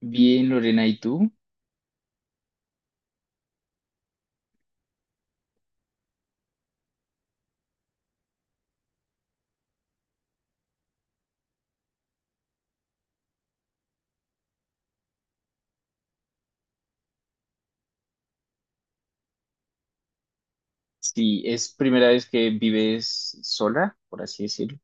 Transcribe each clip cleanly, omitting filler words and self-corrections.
Bien, Lorena, ¿y tú? Sí, es primera vez que vives sola, por así decirlo.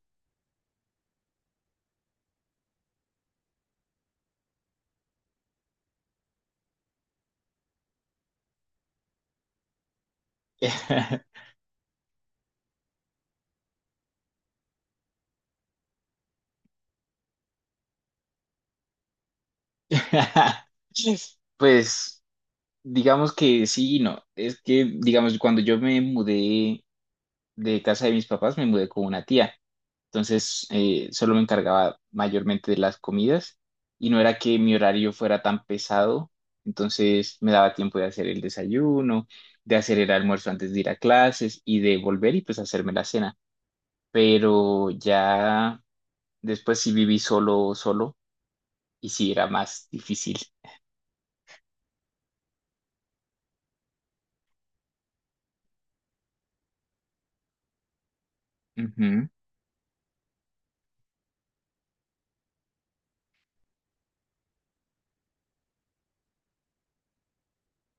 Pues digamos que sí y no. Es que, digamos, cuando yo me mudé de casa de mis papás, me mudé con una tía. Entonces, solo me encargaba mayormente de las comidas y no era que mi horario fuera tan pesado. Entonces, me daba tiempo de hacer el desayuno, de hacer el almuerzo antes de ir a clases y de volver y pues hacerme la cena. Pero ya después sí viví solo, solo, y sí era más difícil. Ujú.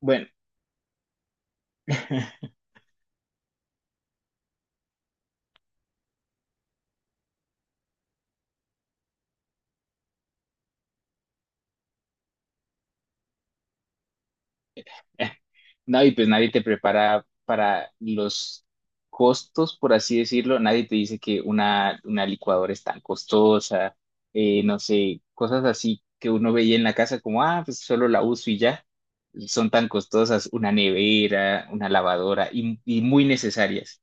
Bueno, no, y pues nadie te prepara para los costos, por así decirlo, nadie te dice que una licuadora es tan costosa, no sé, cosas así que uno veía en la casa como, ah, pues solo la uso y ya. Y son tan costosas, una nevera, una lavadora y muy necesarias.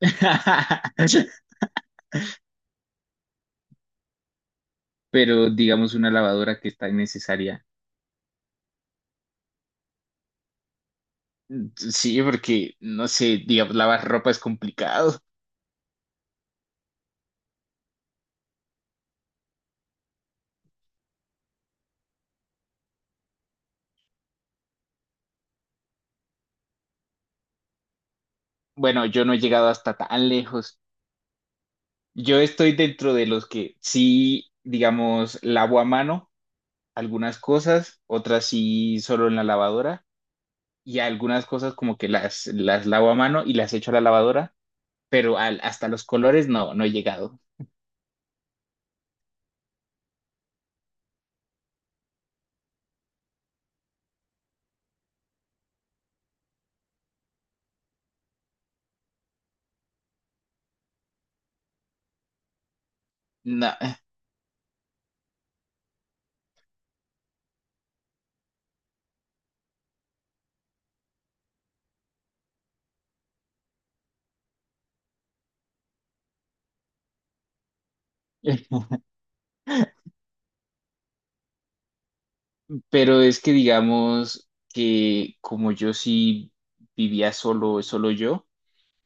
Pero digamos una lavadora que es tan necesaria. Sí, porque, no sé, digamos, lavar ropa es complicado. Bueno, yo no he llegado hasta tan lejos. Yo estoy dentro de los que sí, digamos, lavo a mano algunas cosas, otras sí solo en la lavadora y algunas cosas como que las lavo a mano y las echo a la lavadora, pero hasta los colores no, no he llegado. No. Pero es que digamos que como yo sí vivía solo, solo yo,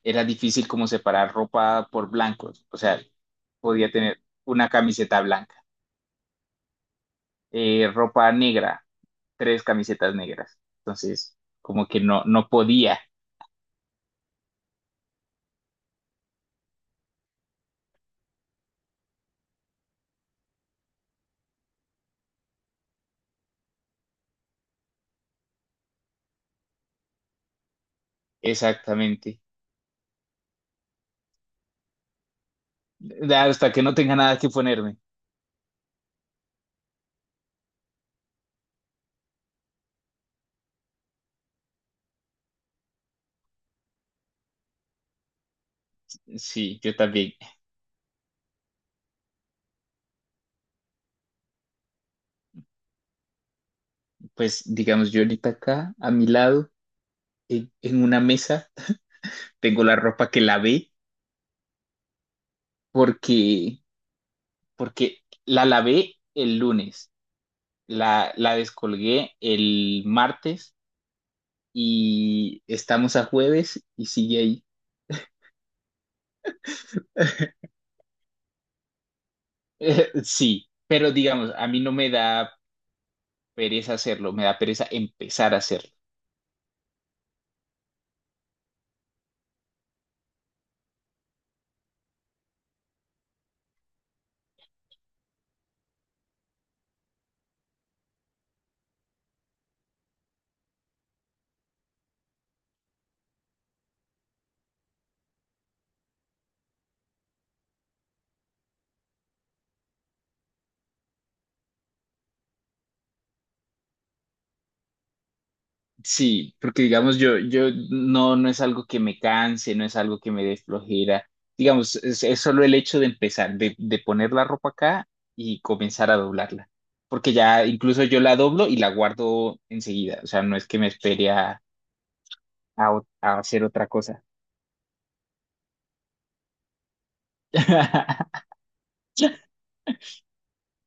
era difícil como separar ropa por blancos. O sea, podía tener una camiseta blanca, ropa negra, tres camisetas negras. Entonces, como que no, no podía exactamente. Hasta que no tenga nada que ponerme. Sí, yo también. Pues digamos, yo ahorita acá, a mi lado, en una mesa, tengo la ropa que lavé porque porque la lavé el lunes, la descolgué el martes y estamos a jueves y sigue ahí. Sí, pero digamos, a mí no me da pereza hacerlo, me da pereza empezar a hacerlo. Sí, porque digamos yo no, no es algo que me canse, no es algo que me dé flojera. Digamos, es solo el hecho de empezar, de poner la ropa acá y comenzar a doblarla. Porque ya incluso yo la doblo y la guardo enseguida. O sea, no es que me espere a, a hacer otra cosa.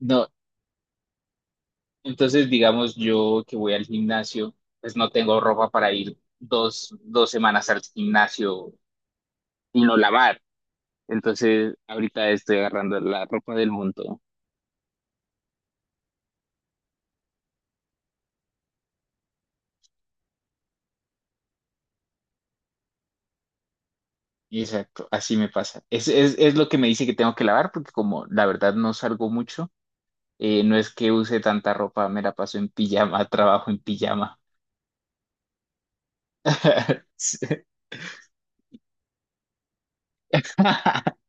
No, entonces digamos yo que voy al gimnasio, pues no tengo ropa para ir dos semanas al gimnasio y no lavar. Entonces ahorita estoy agarrando la ropa del mundo. Exacto, así me pasa. Es lo que me dice que tengo que lavar, porque como la verdad no salgo mucho, no es que use tanta ropa, me la paso en pijama, trabajo en pijama. Sí,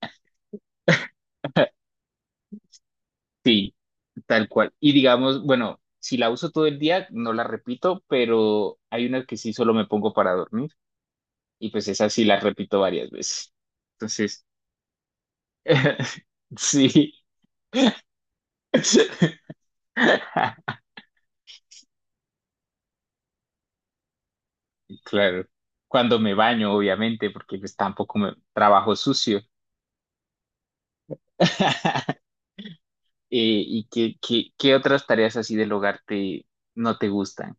sí, tal cual. Y digamos, bueno, si la uso todo el día, no la repito, pero hay una que sí solo me pongo para dormir, y pues esa sí la repito varias veces. Entonces, sí. Claro. Cuando me baño, obviamente, porque pues tampoco me trabajo sucio. ¿Y qué otras tareas así del hogar te, no te gustan?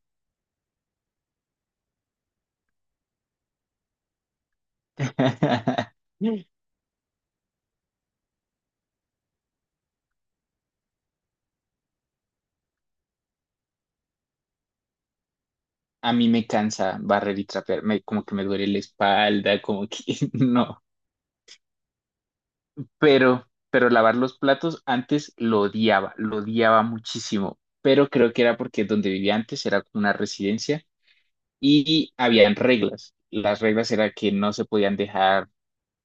A mí me cansa barrer y trapear, me, como que me duele la espalda, como que no. Pero lavar los platos antes lo odiaba muchísimo. Pero creo que era porque donde vivía antes era como una residencia y habían reglas. Las reglas era que no se podían dejar.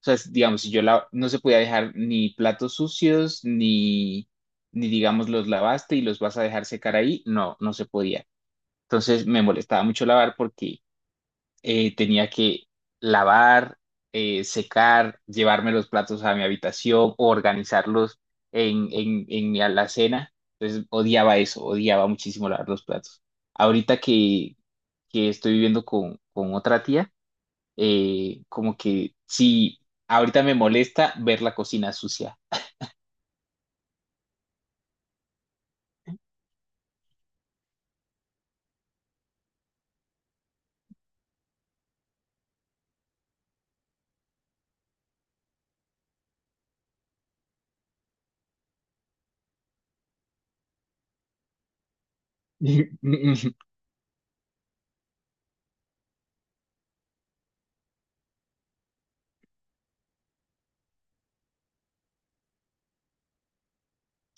O sea, digamos, si yo la, no se podía dejar ni platos sucios, ni, ni digamos los lavaste y los vas a dejar secar ahí, no, no se podía. Entonces me molestaba mucho lavar porque tenía que lavar, secar, llevarme los platos a mi habitación, o organizarlos en, en mi alacena. Entonces odiaba eso, odiaba muchísimo lavar los platos. Ahorita que estoy viviendo con otra tía, como que sí, ahorita me molesta ver la cocina sucia.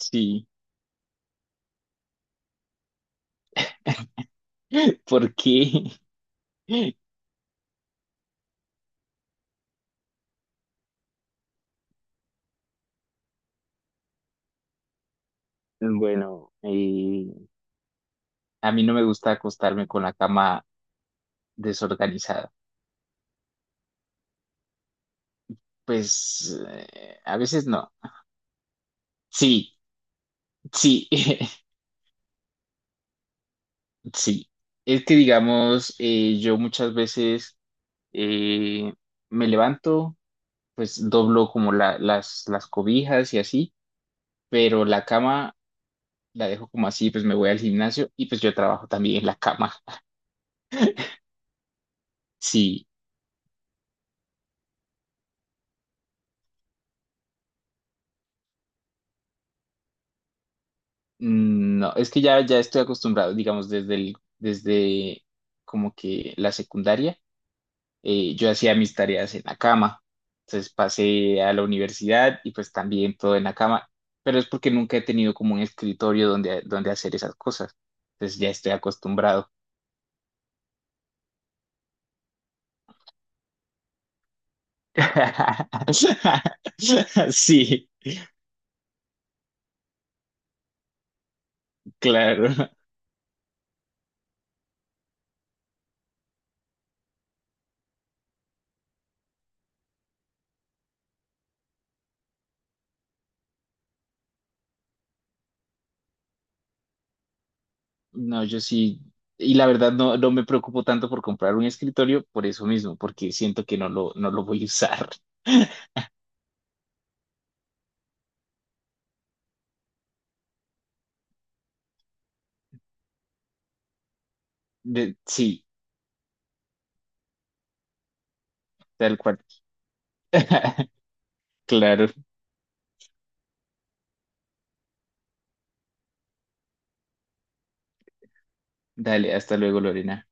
Sí, porque, bueno, a mí no me gusta acostarme con la cama desorganizada. Pues a veces no. Sí, sí, sí. Es que digamos, yo muchas veces eh, me levanto, pues doblo como las cobijas y así, pero la cama la dejo como así, pues me voy al gimnasio y pues yo trabajo también en la cama. Sí, mm, no, es que ya, ya estoy acostumbrado, digamos, desde el, desde como que la secundaria, yo hacía mis tareas en la cama. Entonces pasé a la universidad y pues también todo en la cama, pero es porque nunca he tenido como un escritorio donde, donde hacer esas cosas. Entonces ya estoy acostumbrado. Sí, claro. No, yo sí, y la verdad no, no me preocupo tanto por comprar un escritorio por eso mismo, porque siento que no lo, no lo voy a usar. Sí, tal cual. Claro, dale, hasta luego, Lorena.